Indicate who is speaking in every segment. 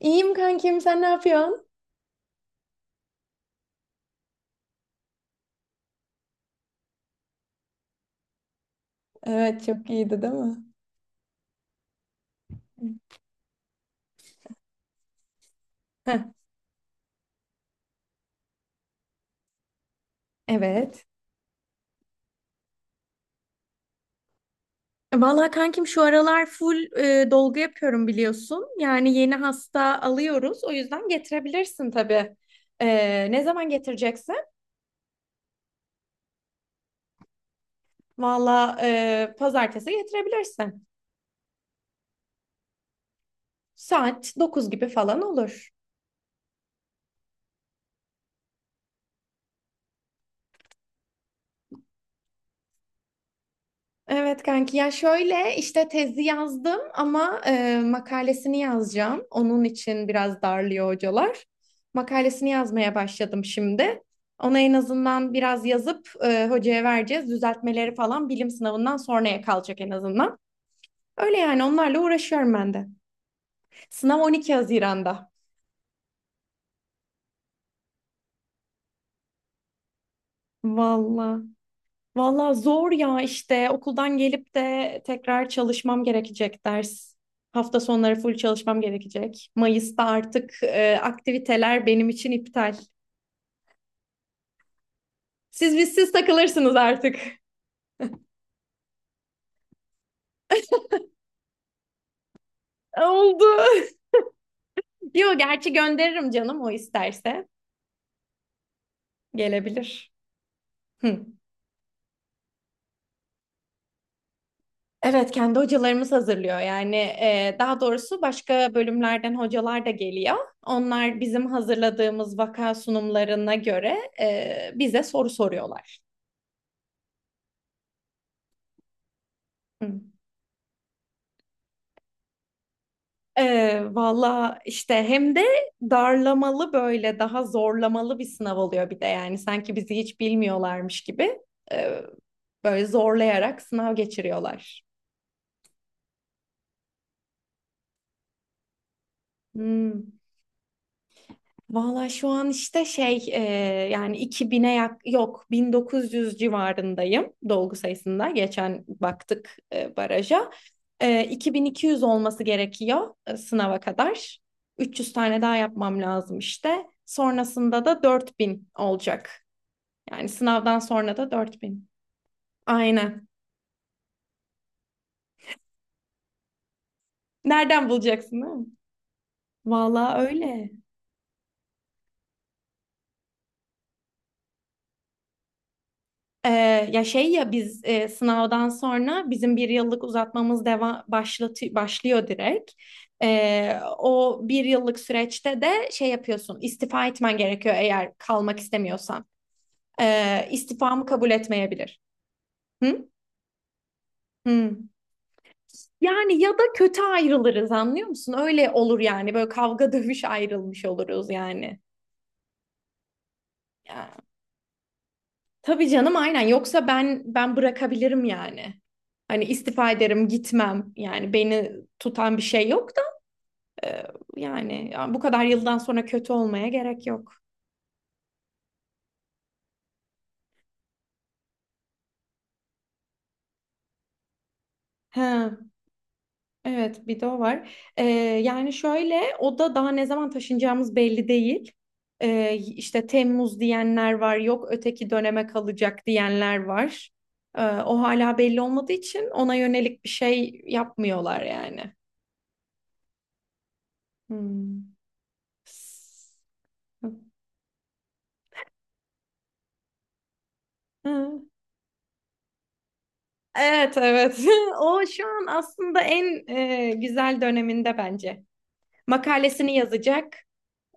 Speaker 1: İyiyim kankim, sen ne yapıyorsun? Evet çok iyiydi değil mi? Heh, evet. Vallahi kankim şu aralar full dolgu yapıyorum biliyorsun. Yani yeni hasta alıyoruz. O yüzden getirebilirsin tabii. Ne zaman getireceksin? Vallahi pazartesi getirebilirsin. Saat 9 gibi falan olur. Evet kanki ya şöyle işte tezi yazdım ama makalesini yazacağım. Onun için biraz darlıyor hocalar. Makalesini yazmaya başladım şimdi. Ona en azından biraz yazıp hocaya vereceğiz. Düzeltmeleri falan bilim sınavından sonraya kalacak en azından. Öyle yani onlarla uğraşıyorum ben de. Sınav 12 Haziran'da. Vallahi. Valla zor ya işte okuldan gelip de tekrar çalışmam gerekecek ders. Hafta sonları full çalışmam gerekecek. Mayıs'ta artık aktiviteler benim için iptal. Siz takılırsınız artık. Oldu. Yo gerçi gönderirim canım o isterse gelebilir. Hı. Evet kendi hocalarımız hazırlıyor yani daha doğrusu başka bölümlerden hocalar da geliyor. Onlar bizim hazırladığımız vaka sunumlarına göre bize soru soruyorlar. Hı. Valla işte hem de darlamalı böyle daha zorlamalı bir sınav oluyor bir de yani sanki bizi hiç bilmiyorlarmış gibi e, böyle zorlayarak sınav geçiriyorlar. Hmm. Valla şu an işte şey yani 2000'e yok 1900 civarındayım dolgu sayısında. Geçen baktık baraja. 2200 olması gerekiyor sınava kadar. 300 tane daha yapmam lazım işte. Sonrasında da 4000 olacak. Yani sınavdan sonra da 4000. Aynen. Nereden bulacaksın değil mi? Valla öyle. Ya şey ya biz sınavdan sonra bizim bir yıllık uzatmamız deva başlatı başlıyor direkt. O bir yıllık süreçte de şey yapıyorsun istifa etmen gerekiyor eğer kalmak istemiyorsan. İstifamı kabul etmeyebilir. Hı? Hı. Yani ya da kötü ayrılırız anlıyor musun? Öyle olur yani böyle kavga dövüş ayrılmış oluruz yani. Tabii canım aynen yoksa ben bırakabilirim yani. Hani istifa ederim gitmem yani beni tutan bir şey yok da e, yani ya bu kadar yıldan sonra kötü olmaya gerek yok. Ha, evet bir de o var. E, Yani şöyle o da daha ne zaman taşınacağımız belli değil. İşte Temmuz diyenler var yok öteki döneme kalacak diyenler var. O hala belli olmadığı için ona yönelik bir şey yapmıyorlar yani. Hmm. Hı. Evet, evet. O şu an aslında en güzel döneminde bence. Makalesini yazacak.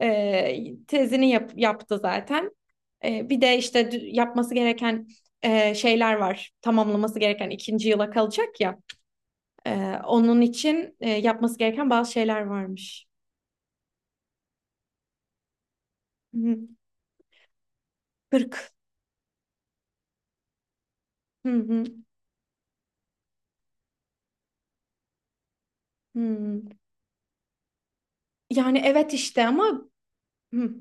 Speaker 1: Tezini yaptı zaten. Bir de işte yapması gereken şeyler var. Tamamlaması gereken ikinci yıla kalacak ya. E, Onun için yapması gereken bazı şeyler varmış. Hı. 40. Hı hı. Hı. Yani evet işte ama hı.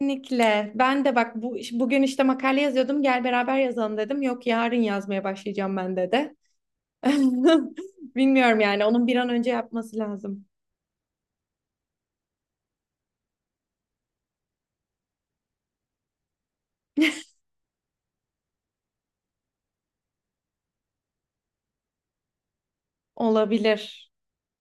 Speaker 1: Kesinlikle. Ben de bak bu bugün işte makale yazıyordum. Gel beraber yazalım dedim. Yok yarın yazmaya başlayacağım ben de. Bilmiyorum yani onun bir an önce yapması lazım. Olabilir.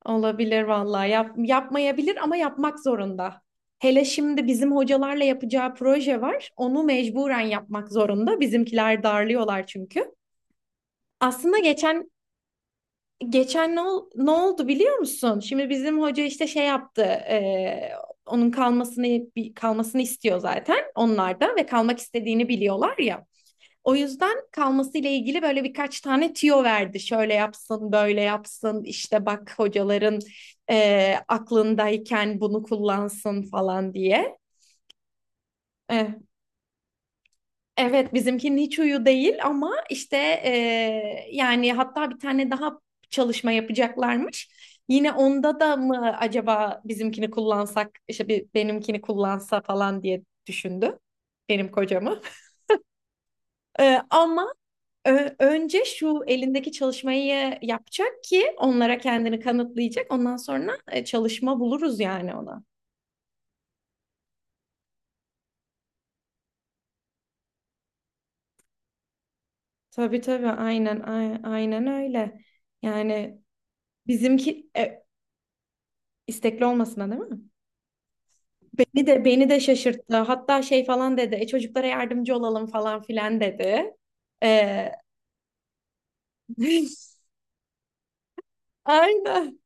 Speaker 1: Olabilir vallahi. Yapmayabilir ama yapmak zorunda. Hele şimdi bizim hocalarla yapacağı proje var. Onu mecburen yapmak zorunda. Bizimkiler darlıyorlar çünkü. Aslında geçen Geçen ne, ne oldu biliyor musun? Şimdi bizim hoca işte şey yaptı. Onun kalmasını kalmasını istiyor zaten onlar da ve kalmak istediğini biliyorlar ya. O yüzden kalması ile ilgili böyle birkaç tane tüyo verdi. Şöyle yapsın, böyle yapsın. İşte bak hocaların aklındayken bunu kullansın falan diye. Eh, evet bizimkinin hiç huyu değil ama işte yani hatta bir tane daha çalışma yapacaklarmış. Yine onda da mı acaba bizimkini kullansak işte bir benimkini kullansa falan diye düşündü benim kocamı. Ama önce şu elindeki çalışmayı yapacak ki onlara kendini kanıtlayacak. Ondan sonra çalışma buluruz yani ona. Tabii, tabii aynen aynen öyle. Yani bizimki istekli olmasına değil mi? Bir de beni de şaşırttı. Hatta şey falan dedi. Çocuklara yardımcı olalım falan filan dedi. Ee, aynen,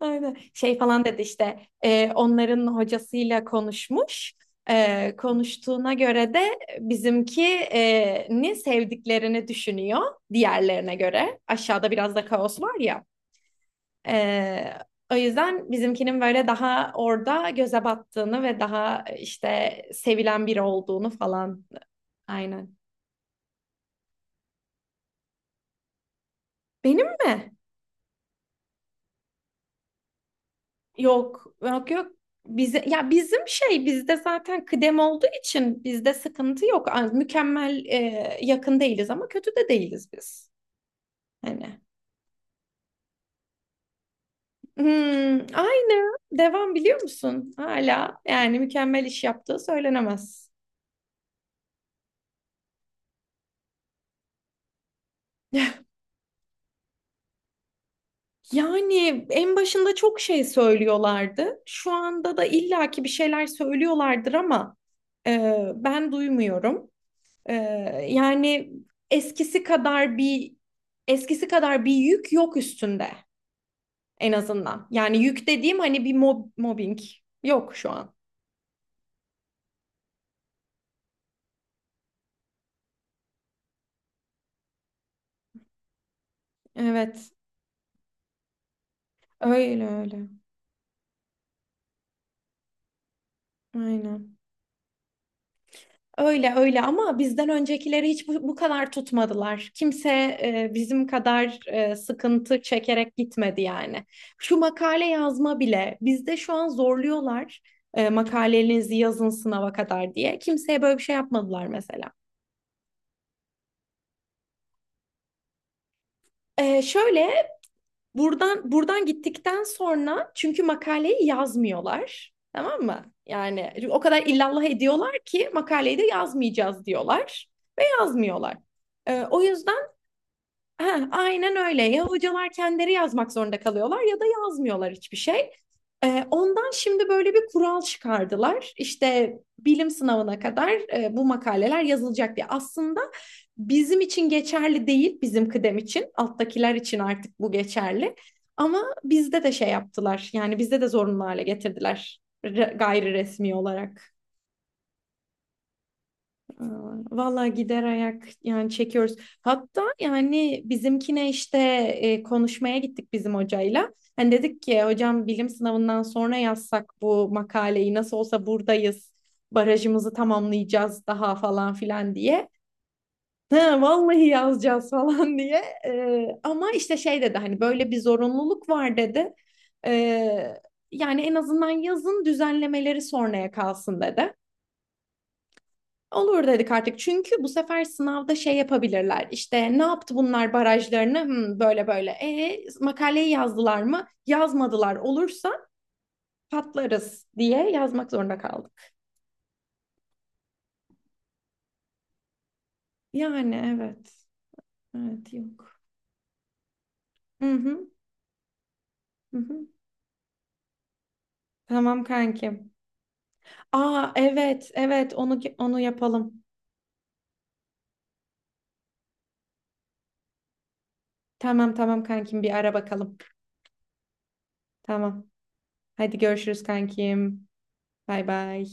Speaker 1: aynen. Şey falan dedi işte. Onların hocasıyla konuşmuş. Konuştuğuna göre de bizimki ni sevdiklerini düşünüyor diğerlerine göre. Aşağıda biraz da kaos var ya. Ee, O yüzden bizimkinin böyle daha orada göze battığını ve daha işte sevilen biri olduğunu falan. Aynen. Benim mi? Yok, yok, yok. Bize, ya bizim şey bizde zaten kıdem olduğu için bizde sıkıntı yok. Ay, mükemmel yakın değiliz ama kötü de değiliz biz. Hani. Hmm, aynı. Devam biliyor musun? Hala yani mükemmel iş yaptığı söylenemez. Yani en başında çok şey söylüyorlardı. Şu anda da illaki bir şeyler söylüyorlardır ama ben duymuyorum. Ee, Yani eskisi kadar bir eskisi kadar bir yük yok üstünde en azından. Yani yük dediğim hani bir mobbing yok şu an. Evet, öyle öyle. Aynen. Öyle öyle ama bizden öncekileri hiç bu kadar tutmadılar. Kimse bizim kadar sıkıntı çekerek gitmedi yani. Şu makale yazma bile bizde şu an zorluyorlar makalelerinizi yazın sınava kadar diye. Kimseye böyle bir şey yapmadılar mesela. Şöyle buradan gittikten sonra çünkü makaleyi yazmıyorlar. Tamam mı? Yani o kadar illallah ediyorlar ki makaleyi de yazmayacağız diyorlar. Yazmıyorlar. O yüzden heh, aynen öyle. Ya hocalar kendileri yazmak zorunda kalıyorlar ya da yazmıyorlar hiçbir şey. Ondan şimdi böyle bir kural çıkardılar. İşte bilim sınavına kadar bu makaleler yazılacak diye. Aslında bizim için geçerli değil, bizim kıdem için. Alttakiler için artık bu geçerli. Ama bizde de şey yaptılar. Yani bizde de zorunlu hale getirdiler gayri resmi olarak. Aa, vallahi gider ayak yani çekiyoruz. Hatta yani bizimkine işte konuşmaya gittik bizim hocayla. Hani dedik ki hocam bilim sınavından sonra yazsak bu makaleyi nasıl olsa buradayız. Barajımızı tamamlayacağız daha falan filan diye. Ha, vallahi yazacağız falan diye. Ama işte şey dedi hani böyle bir zorunluluk var dedi. E, Yani en azından yazın düzenlemeleri sonraya kalsın dedi. Olur dedik artık çünkü bu sefer sınavda şey yapabilirler işte ne yaptı bunlar barajlarını böyle böyle makaleyi yazdılar mı yazmadılar olursa patlarız diye yazmak zorunda kaldık. Yani evet, evet yok. Hı hı, hı hı. Tamam kankim. Aa, evet, evet onu yapalım. Tamam, tamam kankim bir ara bakalım. Tamam, hadi görüşürüz kankim. Bay bay.